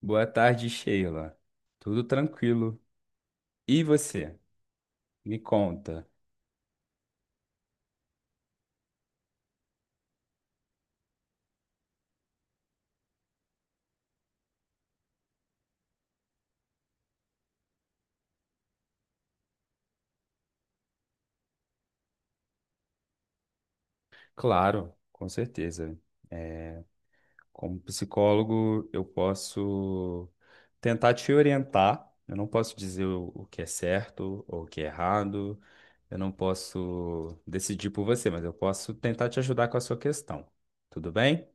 Boa tarde, Sheila. Tudo tranquilo? E você? Me conta. Claro, com certeza. É, como psicólogo, eu posso tentar te orientar. Eu não posso dizer o que é certo ou o que é errado. Eu não posso decidir por você, mas eu posso tentar te ajudar com a sua questão. Tudo bem?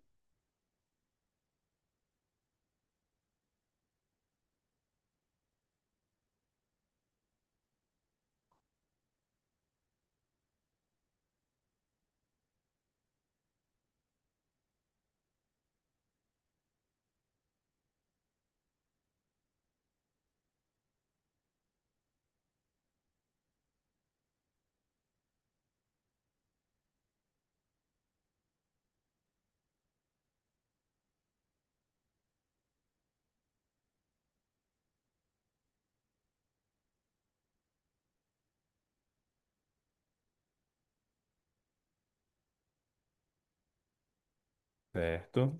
Certo.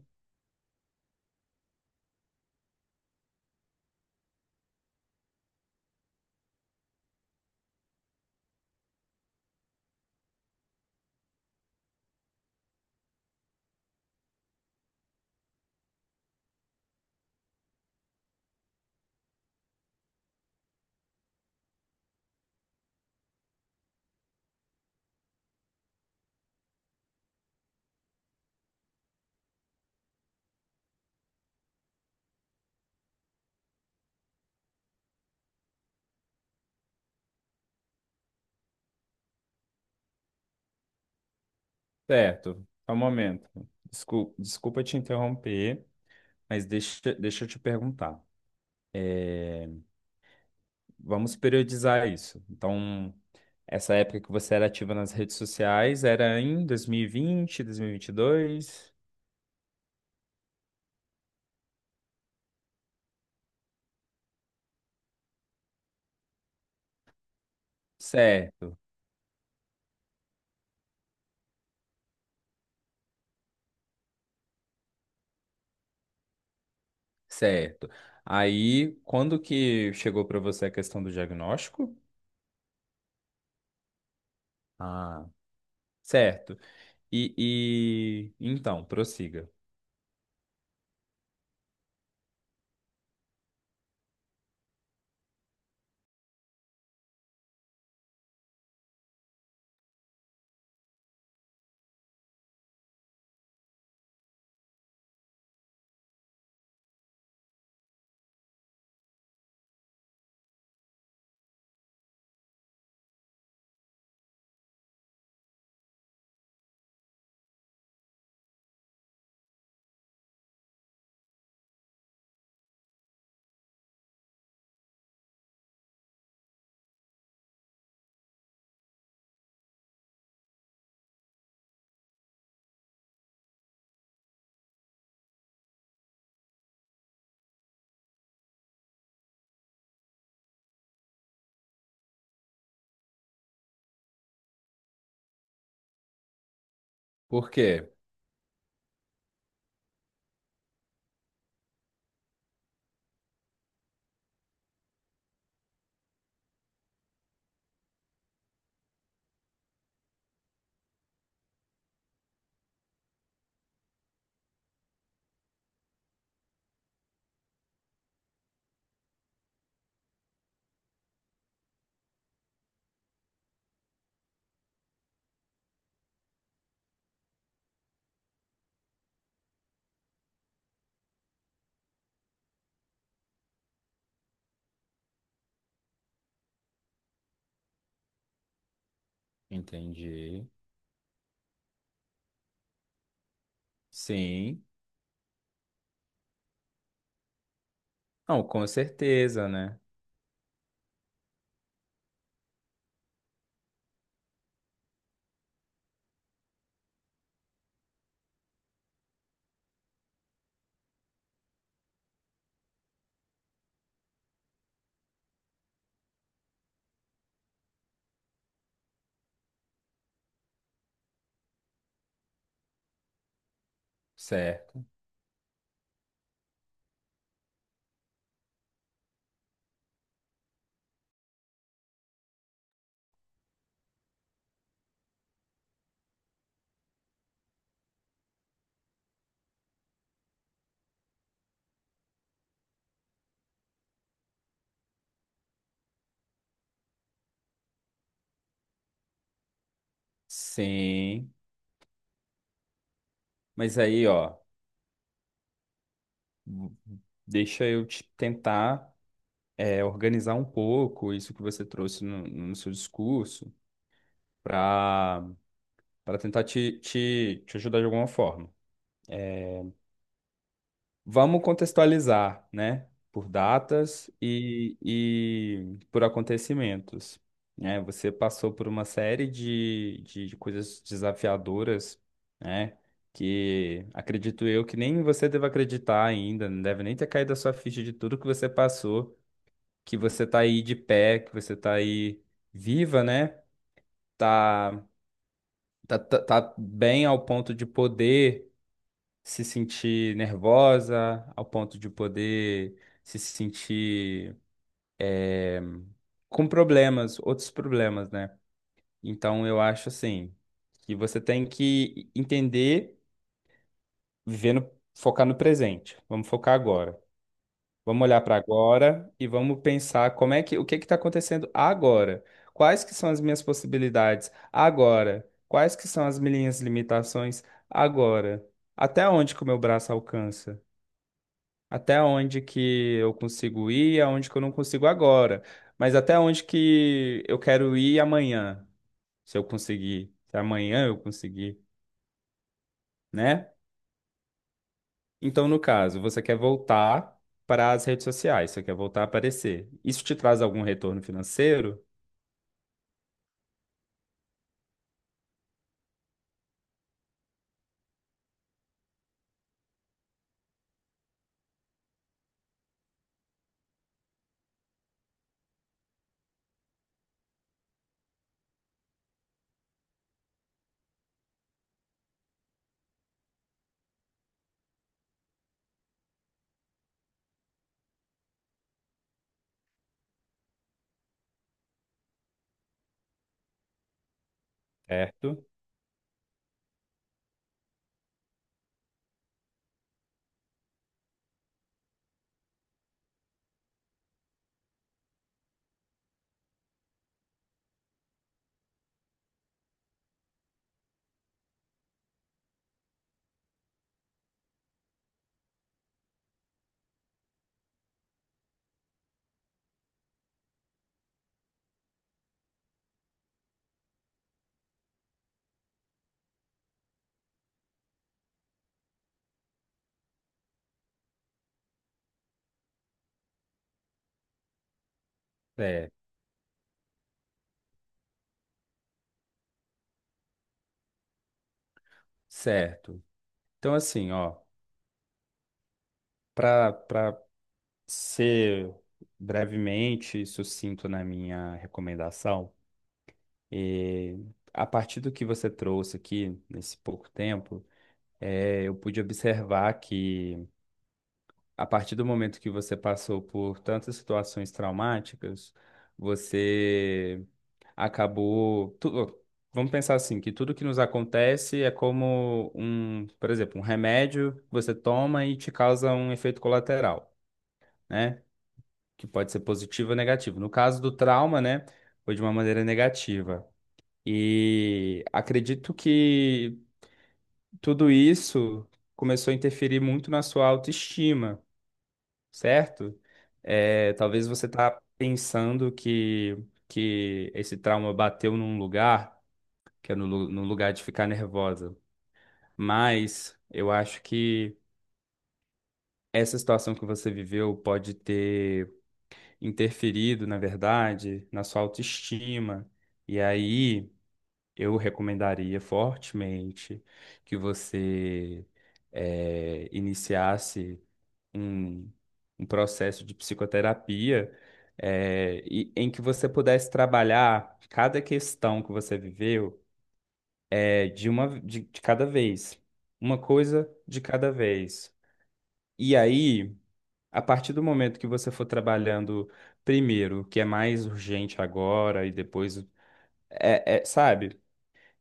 Certo. Só um momento. Desculpa te interromper, mas deixa eu te perguntar. Vamos periodizar isso. Então, essa época que você era ativa nas redes sociais era em 2020, 2022? Certo, certo. Aí, quando que chegou para você a questão do diagnóstico? Ah, certo. E então, prossiga. Por quê? Entendi. Sim. Não, com certeza, né? Certo. Sim. Mas aí, ó, deixa eu te tentar organizar um pouco isso que você trouxe no seu discurso para para tentar te ajudar de alguma forma. É, vamos contextualizar, né? Por datas e por acontecimentos. Né? Você passou por uma série de, de coisas desafiadoras, né? Que acredito eu que nem você deve acreditar ainda, não deve nem ter caído a sua ficha de tudo que você passou, que você tá aí de pé, que você tá aí viva, né? Tá, tá, bem ao ponto de poder se sentir nervosa, ao ponto de poder se sentir com problemas, outros problemas, né? Então eu acho assim que você tem que entender, viver no, focar no presente. Vamos focar agora. Vamos olhar para agora e vamos pensar como é que o que está acontecendo agora? Quais que são as minhas possibilidades agora? Quais que são as minhas limitações agora? Até onde que o meu braço alcança? Até onde que eu consigo ir e aonde que eu não consigo agora? Mas até onde que eu quero ir amanhã, se eu conseguir, se amanhã eu conseguir, né? Então, no caso, você quer voltar para as redes sociais, você quer voltar a aparecer. Isso te traz algum retorno financeiro? Certo? É, certo. Então, assim, ó, para ser brevemente sucinto na minha recomendação, eh, a partir do que você trouxe aqui nesse pouco tempo, eu pude observar que a partir do momento que você passou por tantas situações traumáticas, você acabou. tu- vamos pensar assim, que tudo que nos acontece é como um, por exemplo, um remédio que você toma e te causa um efeito colateral, né? Que pode ser positivo ou negativo. No caso do trauma, né, foi de uma maneira negativa. E acredito que tudo isso começou a interferir muito na sua autoestima, certo? É, talvez você tá pensando que esse trauma bateu num lugar que é no lugar de ficar nervosa. Mas eu acho que essa situação que você viveu pode ter interferido, na verdade, na sua autoestima. E aí eu recomendaria fortemente que você iniciasse um, um processo de psicoterapia. Em que você pudesse trabalhar cada questão que você viveu. É de uma de cada vez. Uma coisa de cada vez. E aí, a partir do momento que você for trabalhando primeiro, o que é mais urgente agora, e depois. É, é, sabe?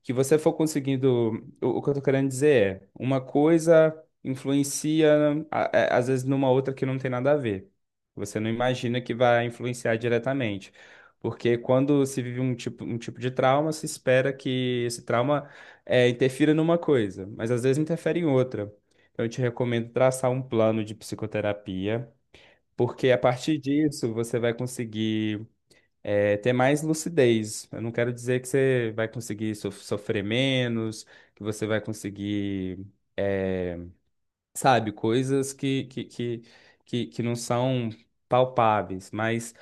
Que você for conseguindo. O que eu tô querendo dizer é, uma coisa influencia, a- às vezes, numa outra que não tem nada a ver. Você não imagina que vai influenciar diretamente. Porque quando se vive um tipo de trauma, se espera que esse trauma interfira numa coisa, mas às vezes interfere em outra. Então, eu te recomendo traçar um plano de psicoterapia, porque a partir disso você vai conseguir ter mais lucidez. Eu não quero dizer que você vai conseguir sofrer menos, que você vai conseguir, é, sabe, coisas que, que não são palpáveis, mas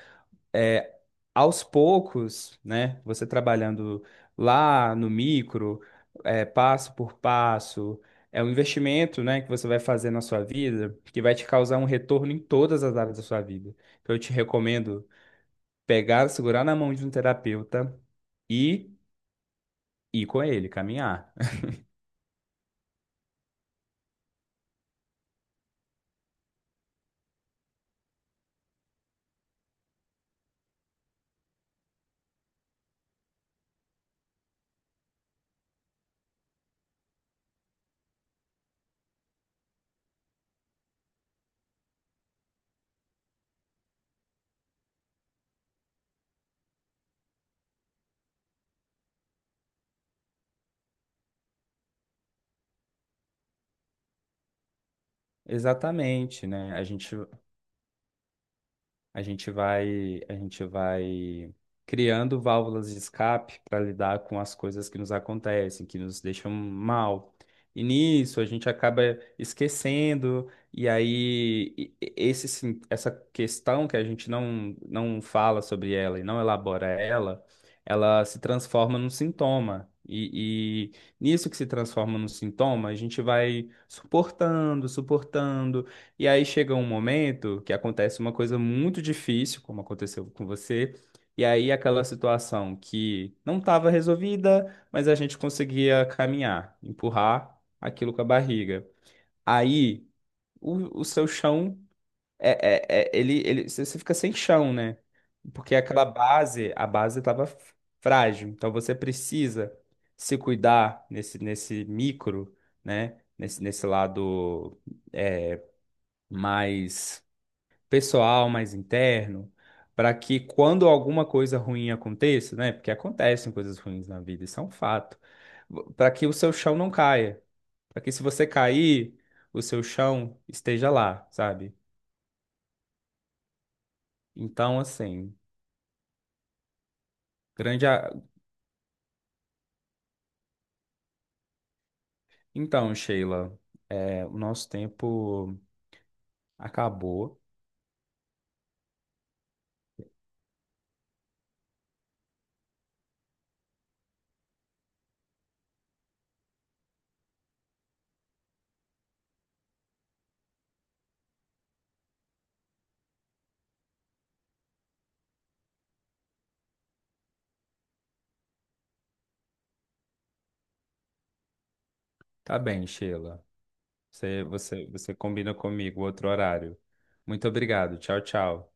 é, aos poucos, né, você trabalhando lá no micro, é, passo por passo, é um investimento, né, que você vai fazer na sua vida que vai te causar um retorno em todas as áreas da sua vida. Então, eu te recomendo pegar, segurar na mão de um terapeuta e ir com ele, caminhar. Exatamente, né? A gente, a gente vai, a gente vai criando válvulas de escape para lidar com as coisas que nos acontecem, que nos deixam mal. E nisso a gente acaba esquecendo, e aí esse, essa questão que a gente não fala sobre ela e não elabora ela, ela se transforma num sintoma. E nisso que se transforma num sintoma, a gente vai suportando, suportando. E aí chega um momento que acontece uma coisa muito difícil, como aconteceu com você, e aí aquela situação que não estava resolvida, mas a gente conseguia caminhar, empurrar aquilo com a barriga. Aí o seu chão é, ele você fica sem chão, né? Porque aquela base, a base estava frágil. Então você precisa se cuidar nesse micro, né? Nesse lado é, mais pessoal, mais interno, para que quando alguma coisa ruim aconteça, né? Porque acontecem coisas ruins na vida, isso é um fato, para que o seu chão não caia, para que se você cair, o seu chão esteja lá, sabe? Então, grande. a- então, Sheila, é, o nosso tempo acabou. Tá bem, Sheila. Você combina comigo outro horário. Muito obrigado. Tchau, tchau.